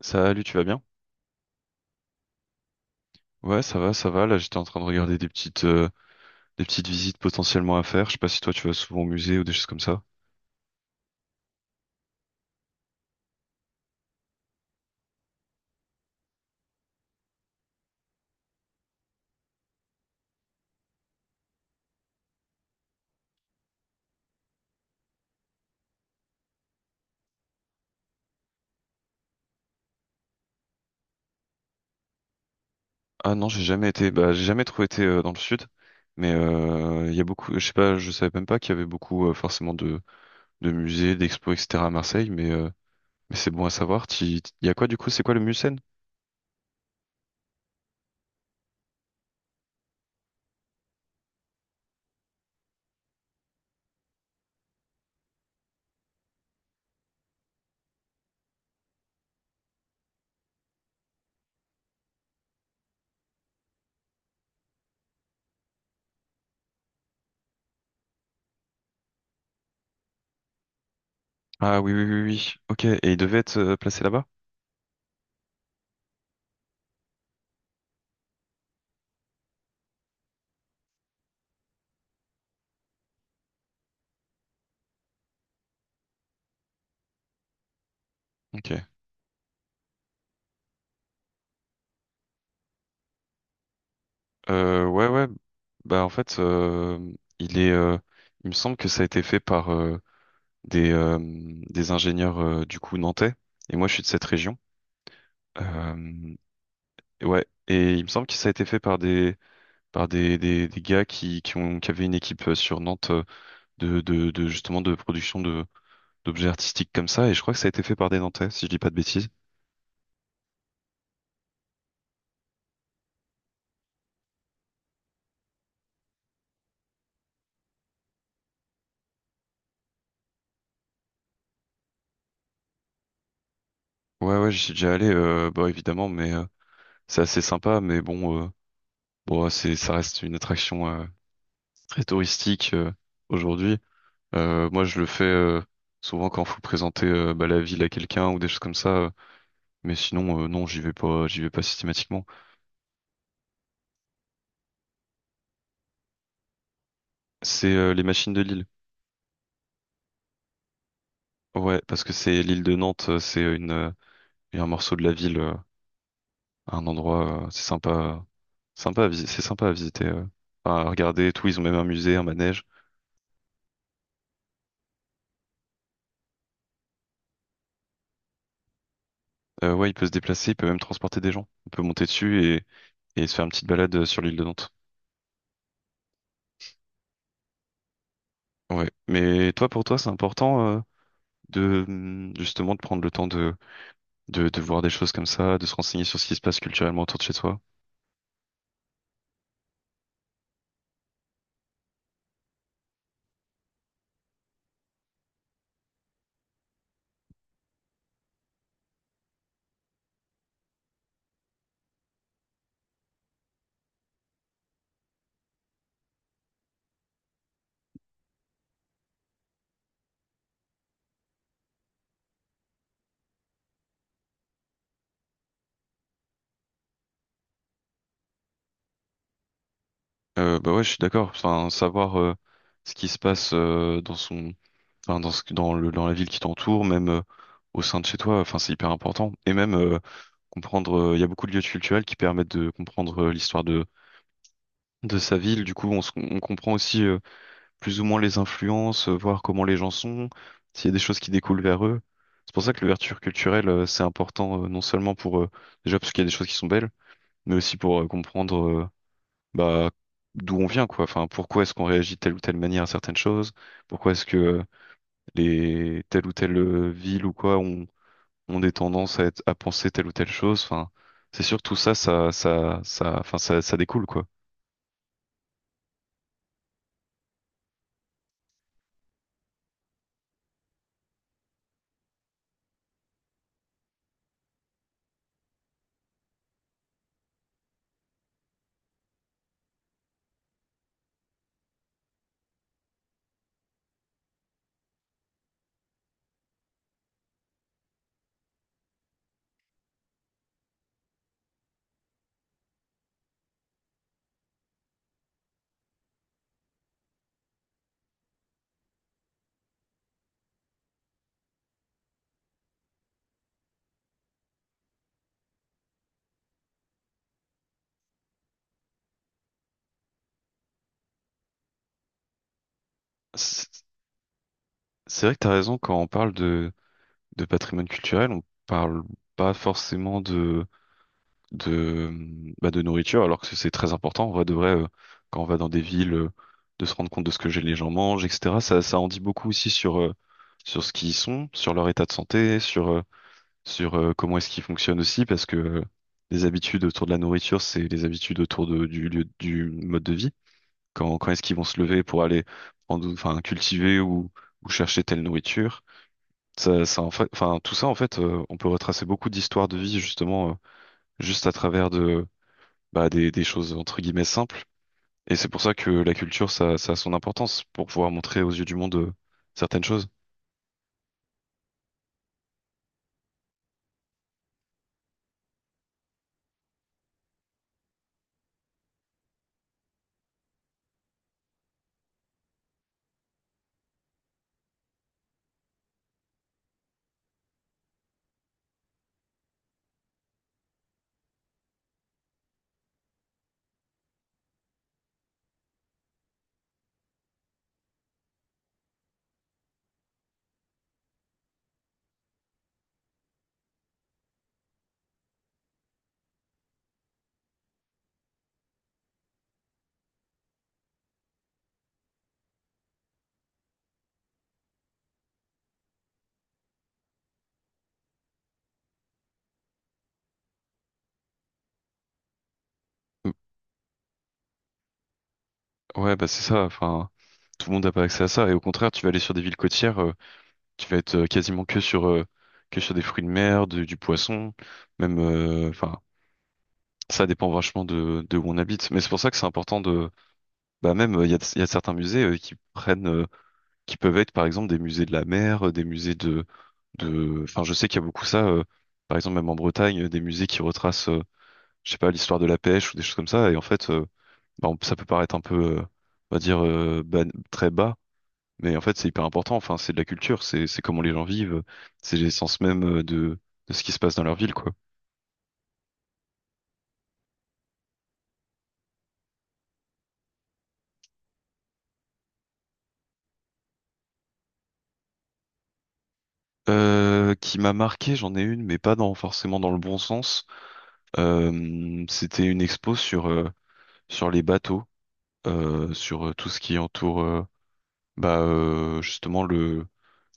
Salut, tu vas bien? Ouais, ça va, ça va. Là, j'étais en train de regarder des petites visites potentiellement à faire. Je sais pas si toi, tu vas souvent au musée ou des choses comme ça. Ah non, j'ai jamais été. Bah, j'ai jamais trop été dans le sud, mais il y a beaucoup. Je sais pas, je savais même pas qu'il y avait beaucoup forcément de musées, d'expos, etc. à Marseille. Mais c'est bon à savoir. Il y a quoi du coup? C'est quoi le musée? Ah oui, oui, oui, oui. Ok. Et il devait être placé là-bas? Ok. Ouais, ouais. Bah en fait, il est. Il me semble que ça a été fait par des ingénieurs du coup nantais. Et moi, je suis de cette région. Euh, ouais. Et il me semble que ça a été fait par des des gars qui ont qui avaient une équipe sur Nantes de justement de production de d'objets artistiques comme ça, et je crois que ça a été fait par des Nantais, si je dis pas de bêtises. Ouais, ouais, j'y suis déjà allé, bah évidemment, mais c'est assez sympa, mais bon, bon, ça reste une attraction très touristique aujourd'hui. Moi, je le fais souvent quand faut présenter bah, la ville à quelqu'un ou des choses comme ça, mais sinon, non, j'y vais pas systématiquement. C'est les machines de Lille. Ouais, parce que c'est l'île de Nantes, c'est une un morceau de la ville, un endroit, c'est sympa, sympa à visiter, c'est sympa à visiter. Enfin, à regarder et tout. Ils ont même un musée, un manège. Ouais, il peut se déplacer, il peut même transporter des gens. On peut monter dessus et se faire une petite balade sur l'île de Nantes. Ouais. Mais toi, pour toi, c'est important de justement de prendre le temps de, de voir des choses comme ça, de se renseigner sur ce qui se passe culturellement autour de chez soi. Bah ouais, je suis d'accord. Enfin, savoir ce qui se passe dans son enfin, dans la ville qui t'entoure, même au sein de chez toi. Enfin, c'est hyper important. Et même comprendre, il y a beaucoup de lieux culturels qui permettent de comprendre l'histoire de sa ville. Du coup, on comprend aussi plus ou moins les influences, voir comment les gens sont, s'il y a des choses qui découlent vers eux. C'est pour ça que l'ouverture culturelle, c'est important, non seulement pour, déjà parce qu'il y a des choses qui sont belles, mais aussi pour comprendre bah, d'où on vient, quoi. Enfin, pourquoi est-ce qu'on réagit de telle ou telle manière à certaines choses? Pourquoi est-ce que les telle ou telle ville ou quoi ont des tendances à, à penser telle ou telle chose. Enfin, c'est sûr que tout ça, enfin, ça découle quoi. C'est c'est vrai que t'as raison quand on parle de patrimoine culturel, on parle pas forcément de bah, de nourriture, alors que c'est très important. En vrai de vrai, quand on va dans des villes, de se rendre compte de ce que les gens mangent, etc. Ça en dit beaucoup aussi sur sur ce qu'ils sont, sur leur état de santé, sur comment est-ce qu'il fonctionne aussi, parce que les habitudes autour de la nourriture, c'est les habitudes du lieu, du mode de vie. Quand est-ce qu'ils vont se lever pour aller prendre, enfin, cultiver ou chercher telle nourriture. En fait, enfin, tout ça, en fait, on peut retracer beaucoup d'histoires de vie, justement, juste à travers de, bah, des choses, entre guillemets, simples. Et c'est pour ça que la culture, ça a son importance, pour pouvoir montrer aux yeux du monde certaines choses. Ouais, bah c'est ça. Enfin, tout le monde n'a pas accès à ça. Et au contraire, tu vas aller sur des villes côtières. Qui va être quasiment que sur des fruits de mer, du poisson, même enfin ça dépend vachement de où on habite. Mais c'est pour ça que c'est important de bah même il y a, il y a certains musées qui prennent qui peuvent être par exemple des musées de la mer, des musées de enfin je sais qu'il y a beaucoup ça par exemple même en Bretagne des musées qui retracent je sais pas l'histoire de la pêche ou des choses comme ça et en fait bah, ça peut paraître un peu on va dire très bas mais en fait, c'est hyper important. Enfin, c'est de la culture, c'est comment les gens vivent, c'est l'essence même de ce qui se passe dans leur ville, quoi. Qui m'a marqué, j'en ai une, mais pas dans forcément dans le bon sens. C'était une expo sur sur les bateaux, sur tout ce qui entoure bah justement le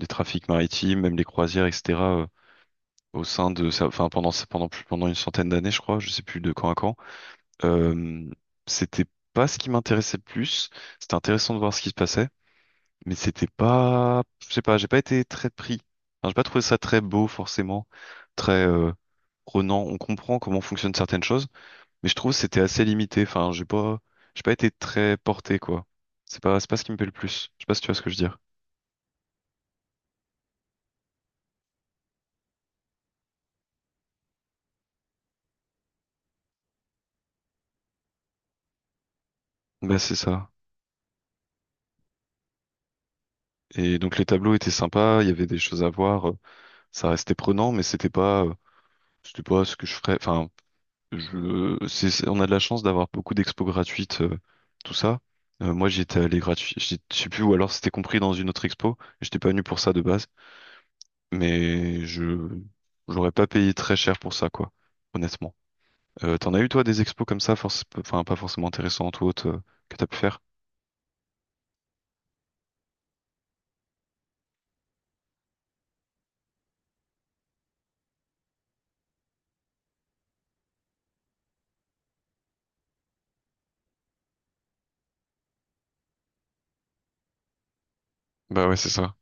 les trafics maritimes, même les croisières, etc. Au sein de ça, enfin pendant une centaine d'années, je crois, je sais plus de quand à quand. Euh, C'était pas ce qui m'intéressait le plus. C'était intéressant de voir ce qui se passait. Mais c'était pas, je sais pas, j'ai pas été très pris. Enfin, j'ai pas trouvé ça très beau forcément, très prenant. On comprend comment fonctionnent certaines choses, mais je trouve que c'était assez limité. Enfin, j'ai pas été très porté quoi. C'est pas ce qui me plaît le plus. Je sais pas si tu vois ce que je veux dire. Bah c'est ça. Et donc les tableaux étaient sympas, il y avait des choses à voir, ça restait prenant, mais c'était pas ce que je ferais. Enfin, on a de la chance d'avoir beaucoup d'expos gratuites, tout ça. Moi, j'y étais allé gratuit, je sais plus, ou alors c'était compris dans une autre expo. J'étais pas venu pour ça de base, mais je, j'aurais pas payé très cher pour ça, quoi, honnêtement. T'en as eu, toi, des expos comme ça, enfin, pas forcément intéressantes ou autres, que t'as pu faire? Bah ouais, c'est ça.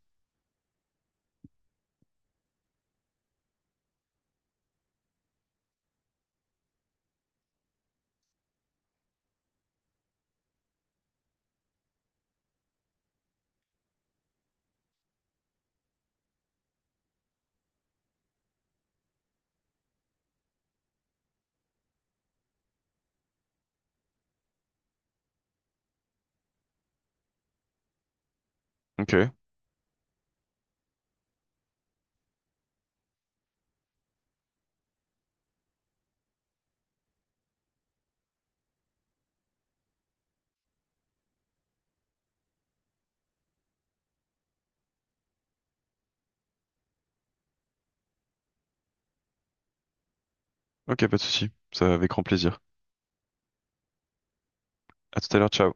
Ok, ok, pas de souci. Ça, avec grand plaisir. À tout à l'heure, ciao.